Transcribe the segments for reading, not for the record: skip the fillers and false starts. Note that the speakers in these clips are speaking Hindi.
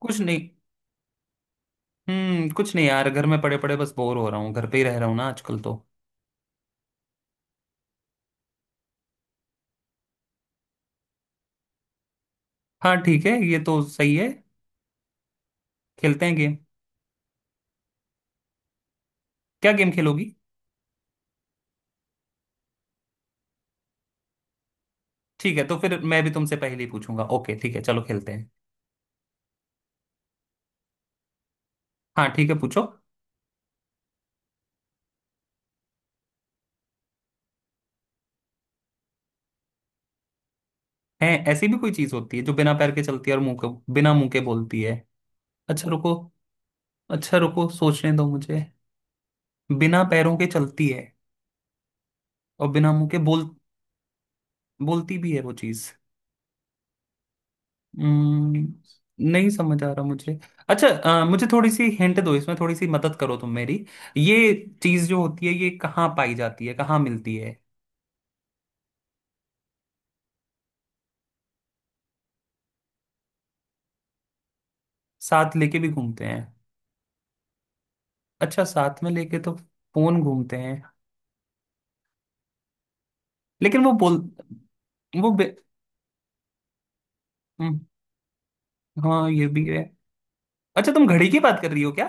कुछ नहीं। कुछ नहीं यार, घर में पड़े पड़े बस बोर हो रहा हूँ। घर पे ही रह रहा हूँ ना आजकल तो। हाँ ठीक है, ये तो सही है। खेलते हैं गेम। क्या गेम खेलोगी? ठीक है, तो फिर मैं भी तुमसे पहले ही पूछूंगा। ओके ठीक है, चलो खेलते हैं। हाँ ठीक है, पूछो। है ऐसी भी कोई चीज होती है जो बिना पैर के चलती है और मुंह के बिना मुंह के बोलती है? अच्छा रुको। अच्छा रुको, सोचने दो मुझे। बिना पैरों के चलती है और बिना मुंह के बोलती भी है वो चीज। हम्म, नहीं समझ आ रहा मुझे। अच्छा, मुझे थोड़ी सी हिंट दो, इसमें थोड़ी सी मदद करो तुम मेरी। ये चीज जो होती है, ये कहाँ पाई जाती है, कहाँ मिलती है? साथ लेके भी घूमते हैं? अच्छा, साथ में लेके तो फोन घूमते हैं। लेकिन वो बोल वो बे... हम्म, हाँ ये भी है। अच्छा, तुम घड़ी की बात कर रही हो क्या?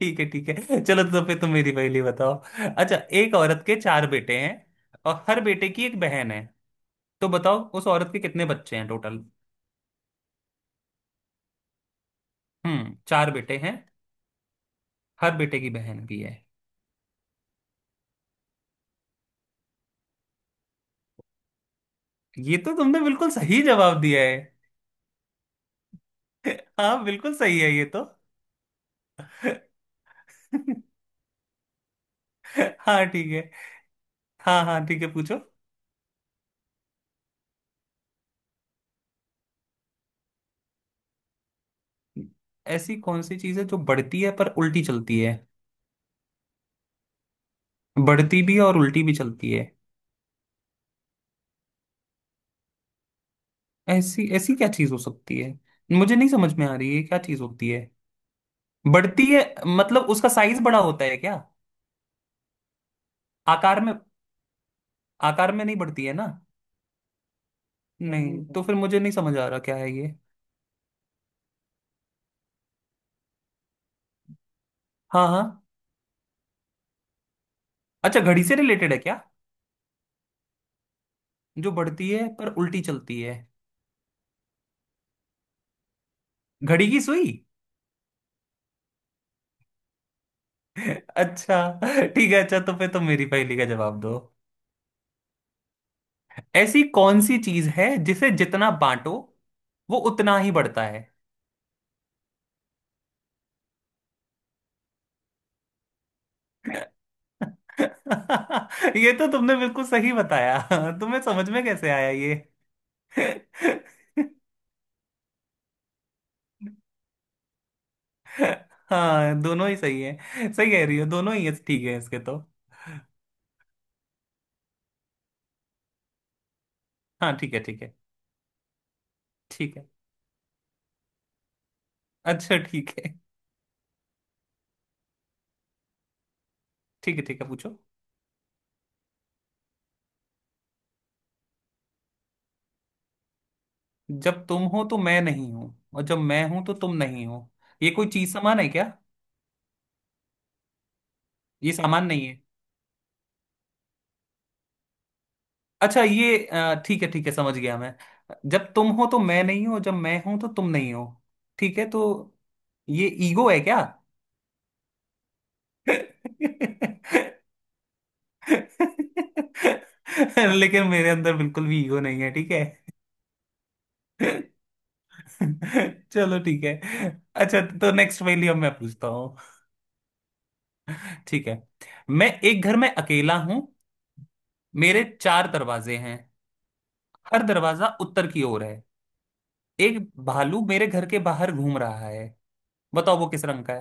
ठीक है ठीक है, चलो तो फिर तुम मेरी पहली बताओ। अच्छा, एक औरत के चार बेटे हैं और हर बेटे की एक बहन है। तो बताओ उस औरत के कितने बच्चे हैं टोटल? हम्म, चार बेटे हैं। हर बेटे की बहन भी है। ये तो तुमने बिल्कुल सही जवाब दिया है। हाँ बिल्कुल सही है ये तो। हाँ ठीक है। हाँ हाँ ठीक है, पूछो। ऐसी कौन सी चीज है जो बढ़ती है पर उल्टी चलती है? बढ़ती भी है और उल्टी भी चलती है। ऐसी ऐसी क्या चीज हो सकती है? मुझे नहीं समझ में आ रही है क्या चीज होती है। बढ़ती है मतलब उसका साइज बड़ा होता है क्या? आकार में? आकार में नहीं बढ़ती है ना? नहीं, तो फिर मुझे नहीं समझ आ रहा क्या है ये। हाँ हाँ। अच्छा, घड़ी से रिलेटेड है क्या? जो बढ़ती है पर उल्टी चलती है। घड़ी की सुई। अच्छा ठीक है। अच्छा, तो फिर तुम मेरी पहेली का जवाब दो। ऐसी कौन सी चीज है जिसे जितना बांटो, वो उतना ही बढ़ता है? ये तो तुमने बिल्कुल सही बताया। तुम्हें समझ में कैसे आया ये? हाँ दोनों ही सही है। सही कह रही हो, दोनों ही है। ठीक है इसके तो। हाँ ठीक है ठीक है। ठीक है। अच्छा ठीक है। ठीक है ठीक है, पूछो। जब तुम हो तो मैं नहीं हूं, और जब मैं हूं तो तुम नहीं हो। ये कोई चीज समान है क्या? ये सामान नहीं है। अच्छा ठीक है ठीक है, समझ गया मैं। जब तुम हो तो मैं नहीं हूं, और जब मैं हूं तो तुम नहीं हो। ठीक है तो ये ईगो है क्या? लेकिन मेरे अंदर बिल्कुल भी ईगो नहीं है, ठीक है। चलो ठीक है। अच्छा तो नेक्स्ट पहेली अब मैं पूछता हूँ। ठीक है। मैं एक घर में अकेला हूं। मेरे चार दरवाजे हैं। हर दरवाजा उत्तर की ओर है। एक भालू मेरे घर के बाहर घूम रहा है। बताओ वो किस रंग का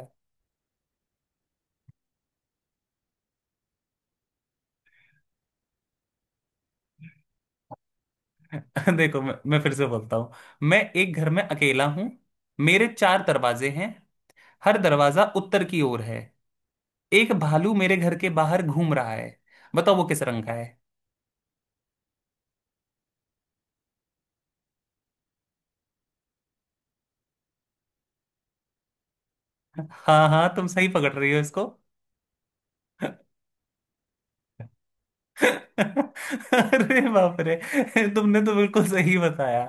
है? देखो, मैं फिर से बोलता हूँ। मैं एक घर में अकेला हूँ। मेरे चार दरवाजे हैं। हर दरवाजा उत्तर की ओर है। एक भालू मेरे घर के बाहर घूम रहा है। बताओ वो किस रंग का है? हाँ हाँ तुम सही पकड़ रही हो इसको। अरे बाप रे, तुमने तो बिल्कुल सही बताया।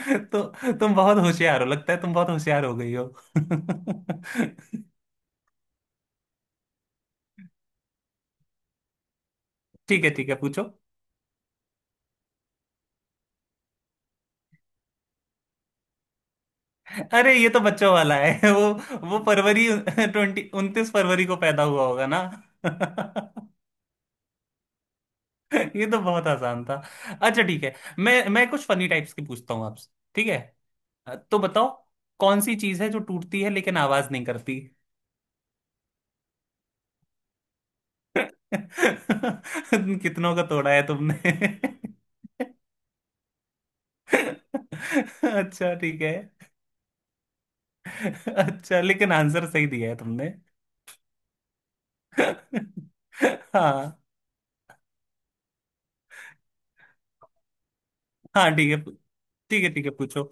तो तुम बहुत होशियार हो, लगता है तुम बहुत होशियार हो गई हो। ठीक है ठीक है, पूछो। अरे ये तो बच्चों वाला है। वो फरवरी ट्वेंटी 29 फरवरी को पैदा हुआ होगा ना। ये तो बहुत आसान था। अच्छा ठीक है, मैं कुछ फनी टाइप्स की पूछता हूँ आपसे, ठीक है। तो बताओ, कौन सी चीज है जो टूटती है लेकिन आवाज नहीं करती? कितनों का तोड़ा है तुमने? अच्छा ठीक है। अच्छा लेकिन आंसर सही दिया है तुमने। हाँ। हाँ ठीक है। ठीक है ठीक है, पूछो।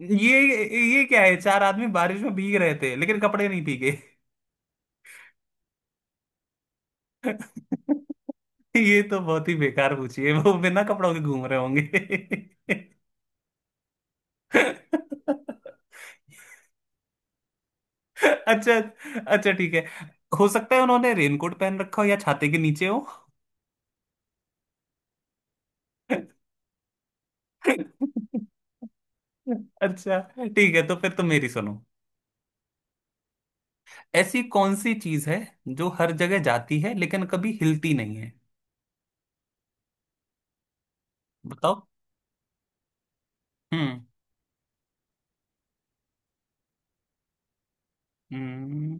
ये ये क्या है? चार आदमी बारिश में भीग रहे थे लेकिन कपड़े नहीं भीगे। ये तो बहुत ही बेकार पूछी है, वो बिना कपड़ों के घूम रहे होंगे। अच्छा। अच्छा ठीक है। हो सकता है उन्होंने रेनकोट पहन रखा हो, या छाते के नीचे हो। अच्छा ठीक है, तो फिर तुम मेरी सुनो। ऐसी कौन सी चीज है जो हर जगह जाती है लेकिन कभी हिलती नहीं है? बताओ। हम्म। हम्म,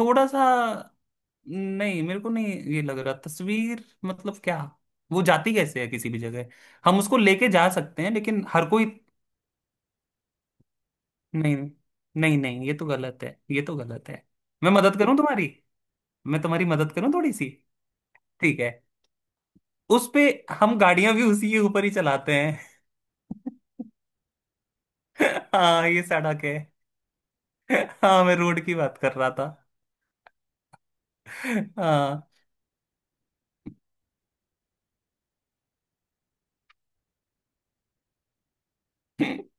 थोड़ा सा। नहीं मेरे को नहीं ये लग रहा तस्वीर मतलब क्या, वो जाती कैसे है किसी भी जगह? हम उसको लेके जा सकते हैं, लेकिन हर कोई नहीं। नहीं नहीं, ये तो गलत है, ये तो गलत है। मैं मदद करूं तुम्हारी? मैं तुम्हारी मदद करूं थोड़ी सी? ठीक है। उस पे हम गाड़ियां भी उसी के ऊपर ही चलाते हैं। हाँ ये सड़क है। हाँ मैं रोड की बात कर रहा था। हाँ।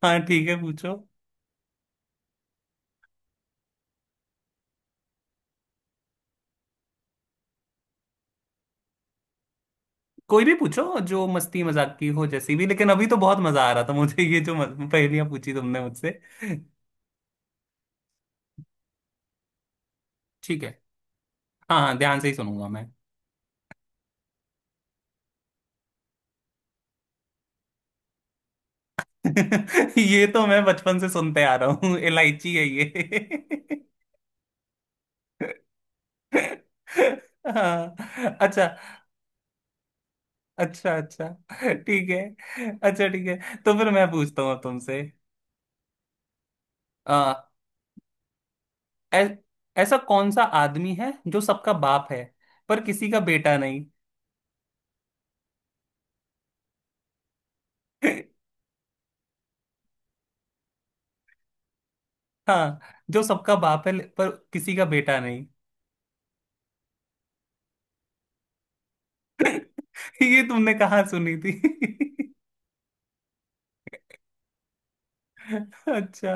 हाँ ठीक है, पूछो। कोई भी पूछो जो मस्ती मजाक की हो, जैसी भी, लेकिन अभी तो बहुत मजा आ रहा था मुझे ये जो पहेलियां पूछी तुमने मुझसे। ठीक है। हाँ हाँ ध्यान से ही सुनूंगा मैं। ये तो मैं बचपन से सुनते आ रहा हूँ, इलायची है ये। हाँ। अच्छा। अच्छा अच्छा। ठीक है अच्छा ठीक है, तो फिर मैं पूछता हूँ अब तुमसे। ऐ, ऐसा कौन सा आदमी है जो सबका बाप है पर किसी का बेटा नहीं? हाँ, जो सबका बाप है पर किसी का बेटा नहीं। ये तुमने कहाँ सुनी थी? अच्छा।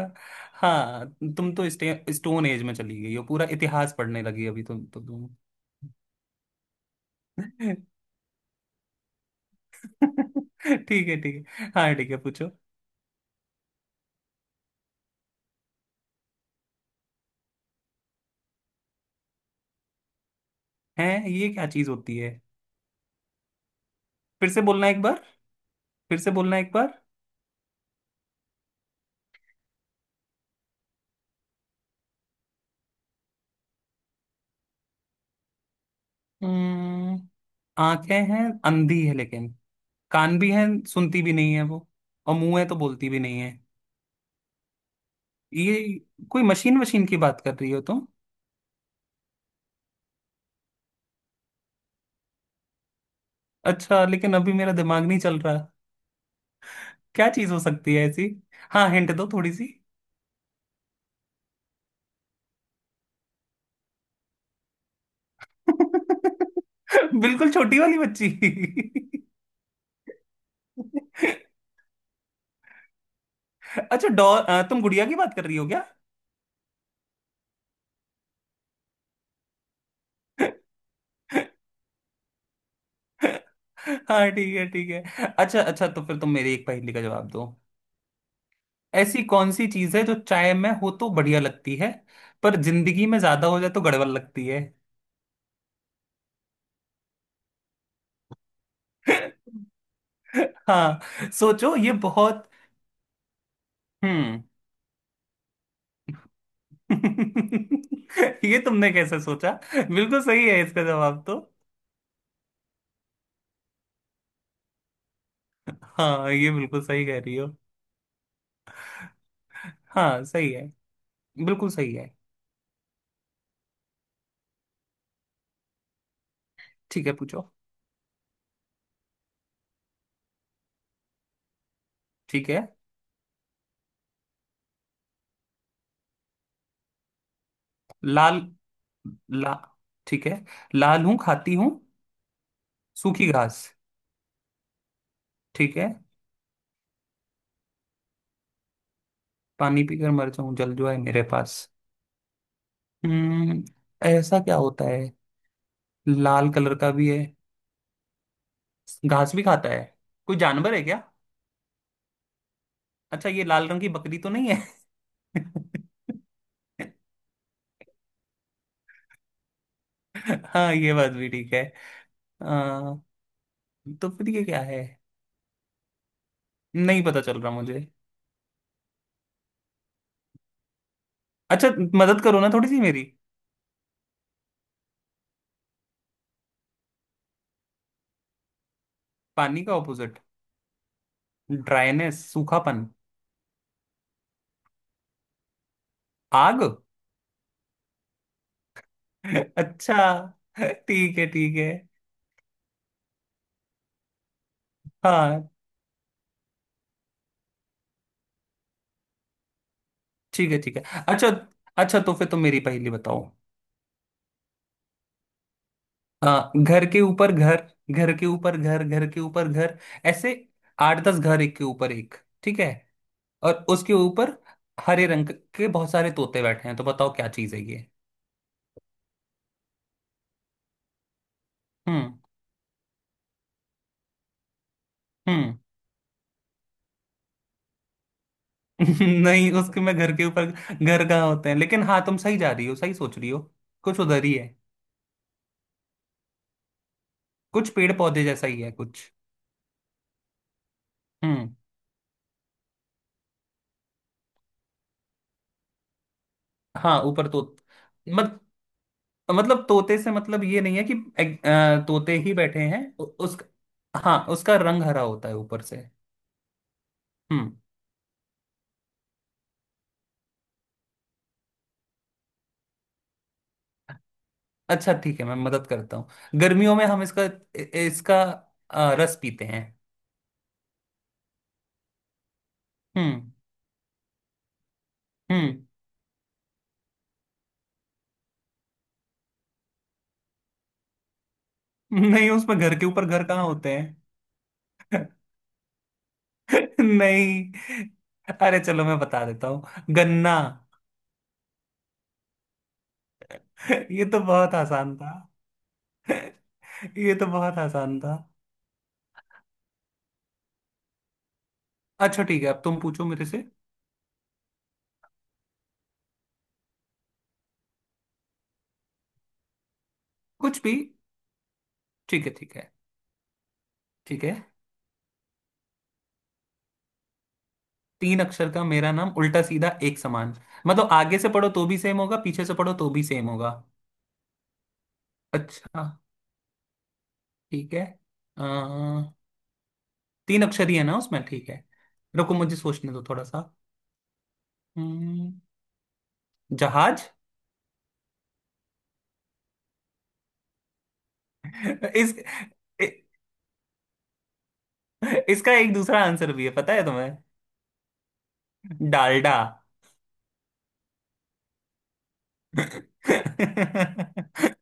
हाँ, तुम तो स्टोन एज में चली गई हो, पूरा इतिहास पढ़ने लगी अभी तुम तो तुम। ठीक है ठीक है। हाँ ठीक है, पूछो। हैं, ये क्या चीज होती है? फिर से बोलना एक बार। फिर से बोलना एक बार। हम्म, आंखें हैं, अंधी है लेकिन कान भी है, सुनती भी नहीं है वो। और मुंह है तो बोलती भी नहीं है। ये कोई मशीन वशीन की बात कर रही हो तुम? अच्छा, लेकिन अभी मेरा दिमाग नहीं चल रहा। क्या चीज हो सकती है ऐसी? हाँ हिंट दो थोड़ी सी। बिल्कुल छोटी वाली बच्ची? अच्छा तुम गुड़िया की बात कर रही हो क्या? हाँ ठीक है ठीक है। अच्छा अच्छा, तो फिर तुम मेरी एक पहेली का जवाब दो। ऐसी कौन सी चीज है जो चाय में हो तो बढ़िया लगती है, पर जिंदगी में ज्यादा हो जाए तो गड़बड़ लगती है? हाँ सोचो, ये बहुत। हम्म। ये तुमने कैसे सोचा, बिल्कुल सही है इसका जवाब तो। हाँ ये बिल्कुल सही कह रही हो। हाँ सही है, बिल्कुल सही है। ठीक है पूछो। ठीक है। लाल ला ठीक है। लाल हूं, खाती हूँ सूखी घास। ठीक है। पानी पीकर मर जाऊं जल जो है मेरे पास। हम्म। ऐसा क्या होता है? लाल कलर का भी है, घास भी खाता है। कोई जानवर है क्या? अच्छा ये लाल रंग की बकरी तो नहीं है? हाँ ये बात भी ठीक है। आ, तो फिर ये क्या है, नहीं पता चल रहा मुझे। अच्छा मदद करो ना थोड़ी सी मेरी। पानी का ऑपोजिट? ड्राइनेस, सूखापन। आग। अच्छा ठीक है ठीक है। हाँ ठीक है ठीक है। अच्छा अच्छा, तो फिर तुम मेरी पहेली बताओ। हाँ, घर के ऊपर घर, घर के ऊपर घर, घर के ऊपर घर, ऐसे आठ दस घर एक के ऊपर एक, ठीक है? और उसके ऊपर हरे रंग के बहुत सारे तोते बैठे हैं। तो बताओ क्या चीज है ये? हम्म। हम्म। नहीं उसके, मैं घर के ऊपर घर कहाँ होते हैं, लेकिन हाँ तुम सही जा रही हो, सही सोच रही हो। कुछ उधर ही है, कुछ पेड़ पौधे जैसा ही है कुछ। हम्म। हाँ ऊपर तो मत मतलब तोते से मतलब ये नहीं है कि तोते ही बैठे हैं उस। हाँ उसका रंग हरा होता है ऊपर से। हम्म। अच्छा ठीक है, मैं मदद करता हूँ। गर्मियों में हम इसका इसका रस पीते हैं। हम्म। हम्म। नहीं उसमें घर के ऊपर घर कहाँ होते हैं? नहीं। अरे चलो मैं बता देता हूँ। गन्ना। ये तो बहुत आसान था। ये तो बहुत आसान था। अच्छा ठीक है, अब तुम पूछो मेरे से। कुछ भी। ठीक है ठीक है। ठीक है। तीन अक्षर का मेरा नाम, उल्टा सीधा एक समान। मतलब आगे से पढ़ो तो भी सेम होगा, पीछे से पढ़ो तो भी सेम होगा। अच्छा ठीक है। आ, तीन अक्षर ही है ना उसमें, ठीक है। रुको मुझे सोचने दो थोड़ा सा। हम्म, जहाज। इस इ, इसका एक दूसरा आंसर भी है, पता है तुम्हें? डालडा।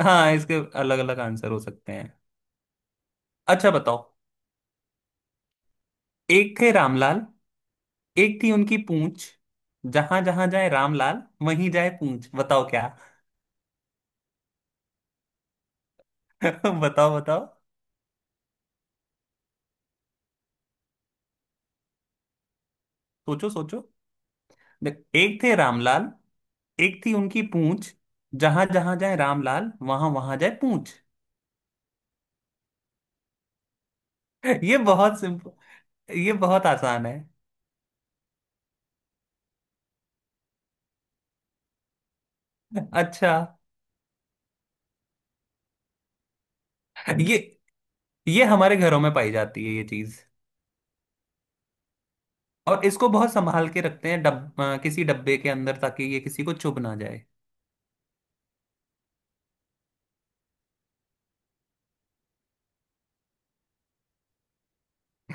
हाँ इसके अलग अलग आंसर हो सकते हैं। अच्छा बताओ। एक थे रामलाल, एक थी उनकी पूंछ। जहां जहां जाए रामलाल, वहीं जाए पूंछ। बताओ क्या? बताओ बताओ। सोचो सोचो। देख, एक थे रामलाल, एक थी उनकी पूंछ। जहां जहां जाए रामलाल वहां वहां जाए पूंछ। ये बहुत सिंपल, ये बहुत आसान है। अच्छा। ये ये हमारे घरों में पाई जाती है ये चीज। और इसको बहुत संभाल के रखते हैं किसी डब्बे के अंदर ताकि ये किसी को चुभ ना जाए।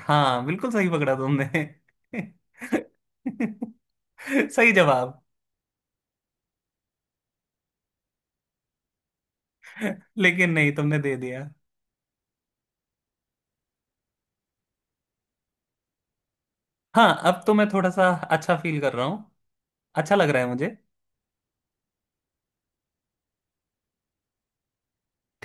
हाँ बिल्कुल सही पकड़ा तुमने। सही जवाब। लेकिन नहीं, तुमने दे दिया। हाँ अब तो मैं थोड़ा सा अच्छा फील कर रहा हूँ। अच्छा लग रहा है मुझे।